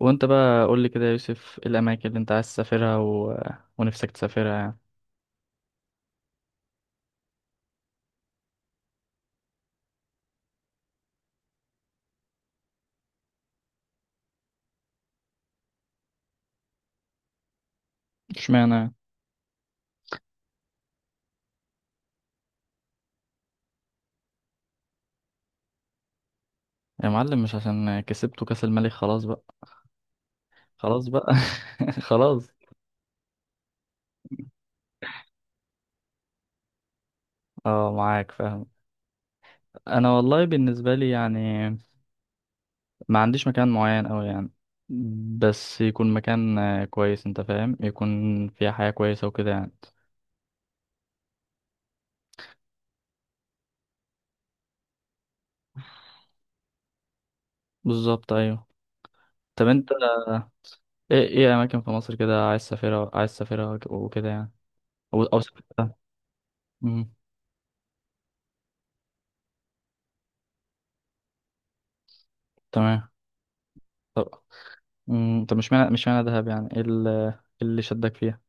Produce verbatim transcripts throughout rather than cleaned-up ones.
وانت بقى قول لي كده يا يوسف، ايه الاماكن اللي انت عايز تسافرها و... ونفسك تسافرها يعني؟ اشمعنى يعني؟ يا معلم، مش عشان كسبتوا كاس الملك خلاص بقى، خلاص بقى. خلاص. اه، معاك فاهم. انا والله بالنسبه لي يعني، ما عنديش مكان معين أوي يعني، بس يكون مكان آه، كويس، انت فاهم، يكون فيها حياه كويسه وكده يعني. بالظبط، ايوه. طب انت، آه، ايه ايه اماكن في مصر كده، عايز تسافرها عايز تسافرها وك- وكده يعني، او أو سافرتها؟ مم، تمام. امم طب، مش معنى مش معنى دهب يعني ايه، ال- إيه اللي شدك فيها؟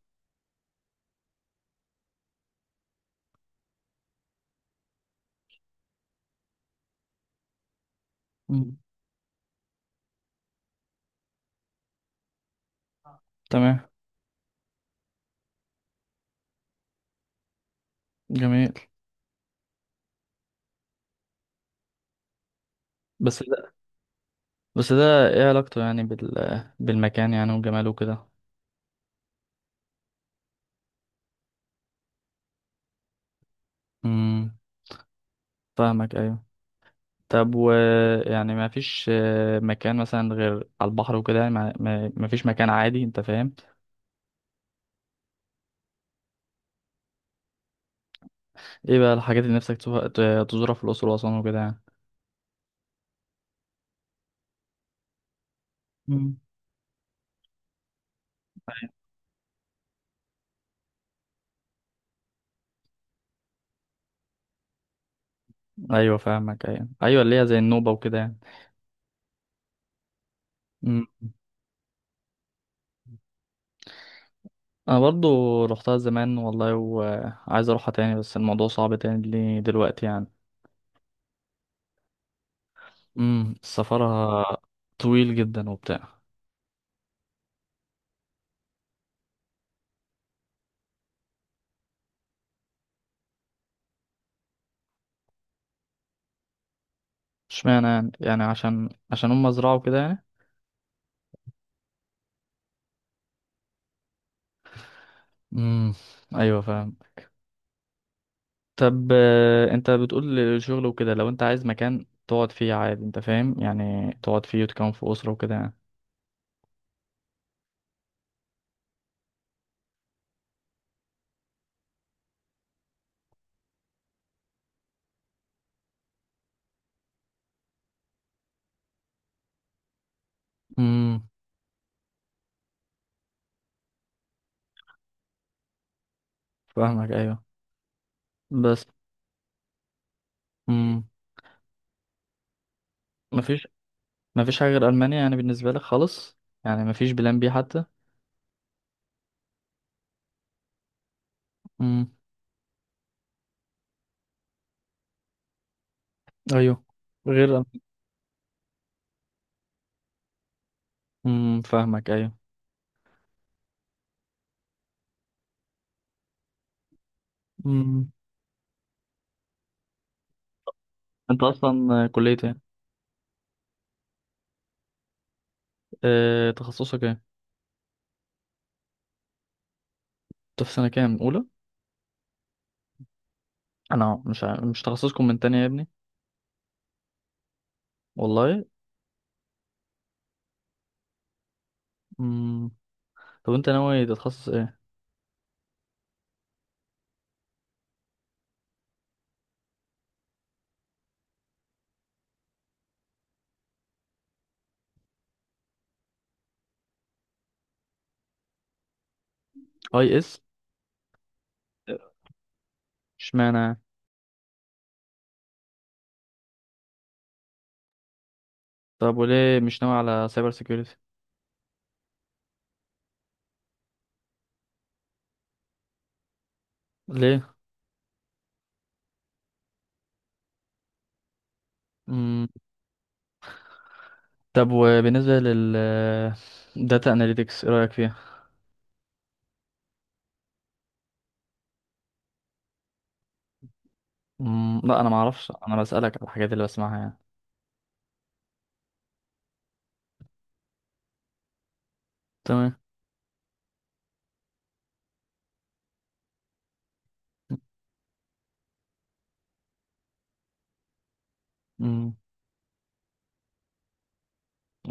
مم. تمام. جميل. بس ده بس ده ايه علاقته يعني بال بالمكان يعني وجماله وكده؟ امم، فاهمك ايوه. طب و يعني ما فيش آه، مكان مثلا غير على البحر وكده يعني، ما ما ما فيش مكان عادي؟ انت فاهم، ايه بقى الحاجات اللي نفسك تزورها ت- تزورها في الاقصر واسوان وكده يعني؟ مم. ايوه فاهمك، ايوه ايوه، اللي هي زي النوبة وكده يعني. مم. انا برضو روحتها زمان والله، وعايز اروحها تاني بس الموضوع صعب تاني لي دلوقتي يعني. امم سفرها طويل جدا وبتاع. اشمعنى يعني؟ يعني عشان عشان هم زرعوا كده يعني؟ امم ايوه فاهم. طب آه، انت بتقول شغل وكده، لو انت عايز مكان تقعد فيه عادي، انت فاهم يعني، تقعد فيه وتكون في اسره وكده يعني؟ امم، فاهمك ايوه. بس. امم مفيش مفيش حاجه غير المانيا يعني بالنسبه لك خالص؟ يعني مفيش بلان بي حتى؟ امم. ايوه. غير. امم، فاهمك ايوه. امم انت اصلا كليه ايه؟ اه، تخصصك ايه؟ انت في سنه كام، اولى؟ انا مش عارف. مش تخصصكم من تانية يا ابني؟ والله. امم طب انت ناوي تتخصص ايه؟ اي اس؟ اشمعنى؟ طب وليه مش ناوي على سايبر سيكيورتي؟ ليه؟ امم. طب وبالنسبه لل داتا اناليتكس، ايه رايك فيها؟ امم لا، انا ما اعرفش، انا بسالك على الحاجات اللي بسمعها يعني. تمام. امم.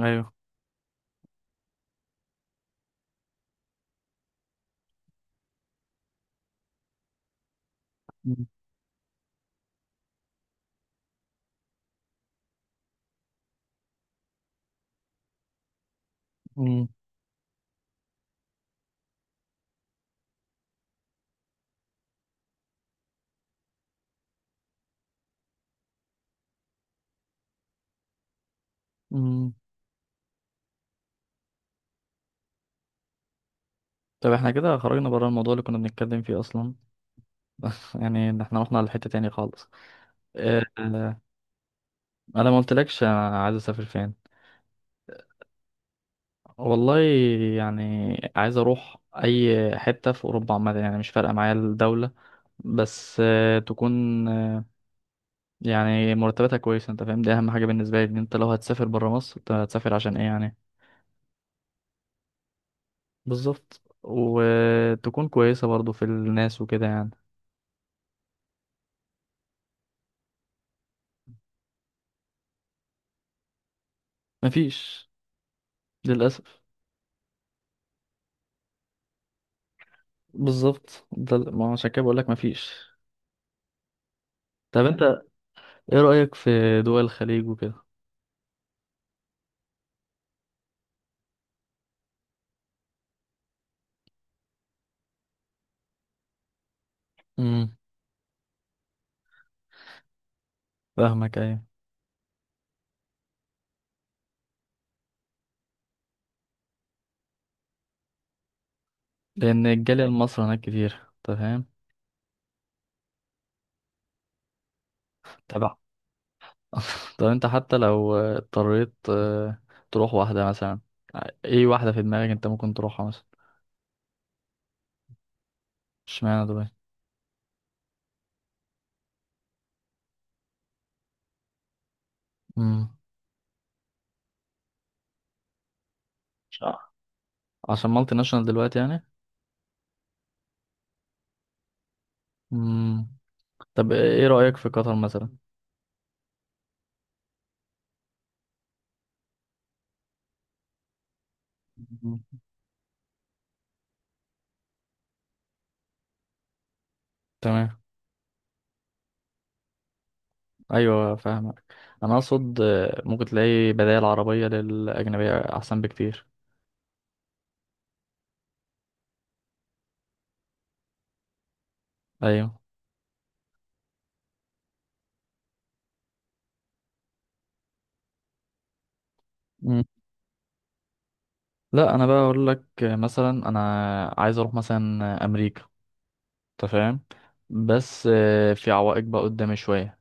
ايوه. امم. امم، امم. طب احنا كده خرجنا بره الموضوع اللي كنا بنتكلم فيه اصلا. يعني إن احنا رحنا لحتة تاني خالص. آه، انا ما قلتلكش انا عايز اسافر فين. والله يعني، عايز اروح اي حتة في اوروبا عامة، يعني مش فارقة معايا الدولة، بس آه، تكون آه، يعني مرتباتها كويسة، انت فاهم، دي اهم حاجة بالنسبة لي، ان انت لو هتسافر بره مصر، انت هتسافر عشان ايه يعني. بالظبط، وتكون كويسة برضو في الناس وكده يعني. مفيش للأسف. بالظبط، ده ما هو عشان كده بقول لك مفيش. طب انت ايه رأيك في دول الخليج وكده؟ امم، فاهمك ايوه. لان الجالية المصري هناك كتير، تمام. تبع. طب انت، حتى لو اضطريت آه، تروح واحدة مثلا، ايه واحدة في دماغك انت ممكن تروحها مثلا؟ اشمعنى دبي؟ امم. مش عارف. عشان مالتي ناشونال دلوقتي يعني؟ امم. طب ايه رأيك في قطر مثلا؟ مم. تمام. ايوه فاهمك. انا اقصد آه، ممكن تلاقي بدائل عربية للأجنبية احسن بكتير. ايوه. لا انا بقى اقول لك مثلا، انا عايز اروح مثلا امريكا، انت فاهم، بس آه، في عوائق بقى قدامي شويه،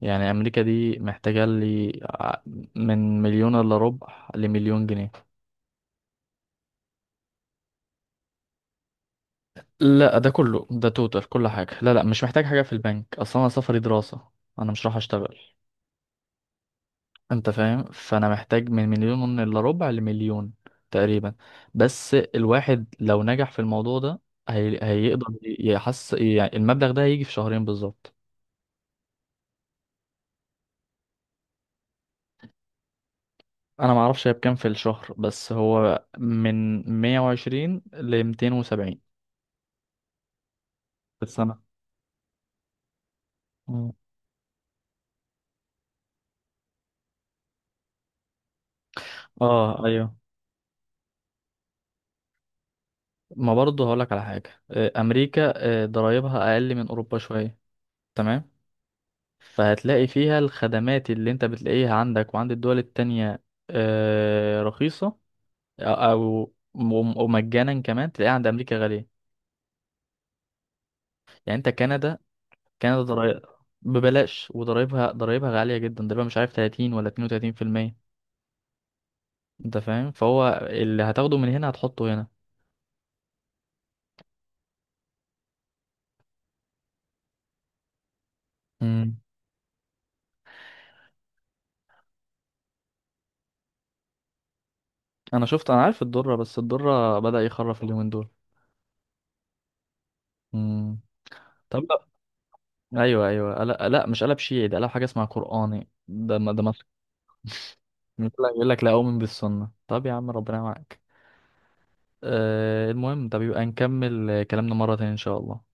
يعني امريكا دي محتاجه لي ع- من مليون الا ربع لمليون جنيه. لا، ده كله ده توتال كل حاجه، لا لا مش محتاج حاجه في البنك اصلا، انا سفري دراسه، انا مش راح اشتغل. انت فاهم، فانا محتاج من مليون الا ربع لمليون تقريبا، بس الواحد لو نجح في الموضوع ده هي... هيقدر يحس يعني المبلغ ده هيجي في شهرين بالظبط. انا ما اعرفش هي بكام في الشهر، بس هو من مئة وعشرين ل ميتين وسبعين في السنة. مم. اه ايوه. ما برضه هقولك على حاجة، آه، امريكا آه، ضرايبها اقل من اوروبا شوية، تمام، فهتلاقي فيها الخدمات اللي انت بتلاقيها عندك وعند الدول التانية آه، رخيصة او أو- وم- ومجانا، كمان تلاقيها عند امريكا غالية. يعني انت كندا، كندا ضرايب ببلاش، وضرايبها، ضرايبها غالية جدا، ضرايبها مش عارف تلاتين ولا اتنين وتلاتين بالمية. انت فاهم، فهو اللي هتاخده من هنا هتحطه هنا. امم. انا شفت، انا عارف الضرة، بس الضرة بدأ يخرف اليومين دول. امم. طب، لا ايوه ايوه، لا, لا مش قلب شيعي، ده قلب حاجه اسمها قراني، ده ما ده مصر. يقول لك لا اؤمن بالسنه، طب يا عم ربنا معاك. أه المهم، ده بيبقى نكمل كلامنا مره تانية ان شاء الله.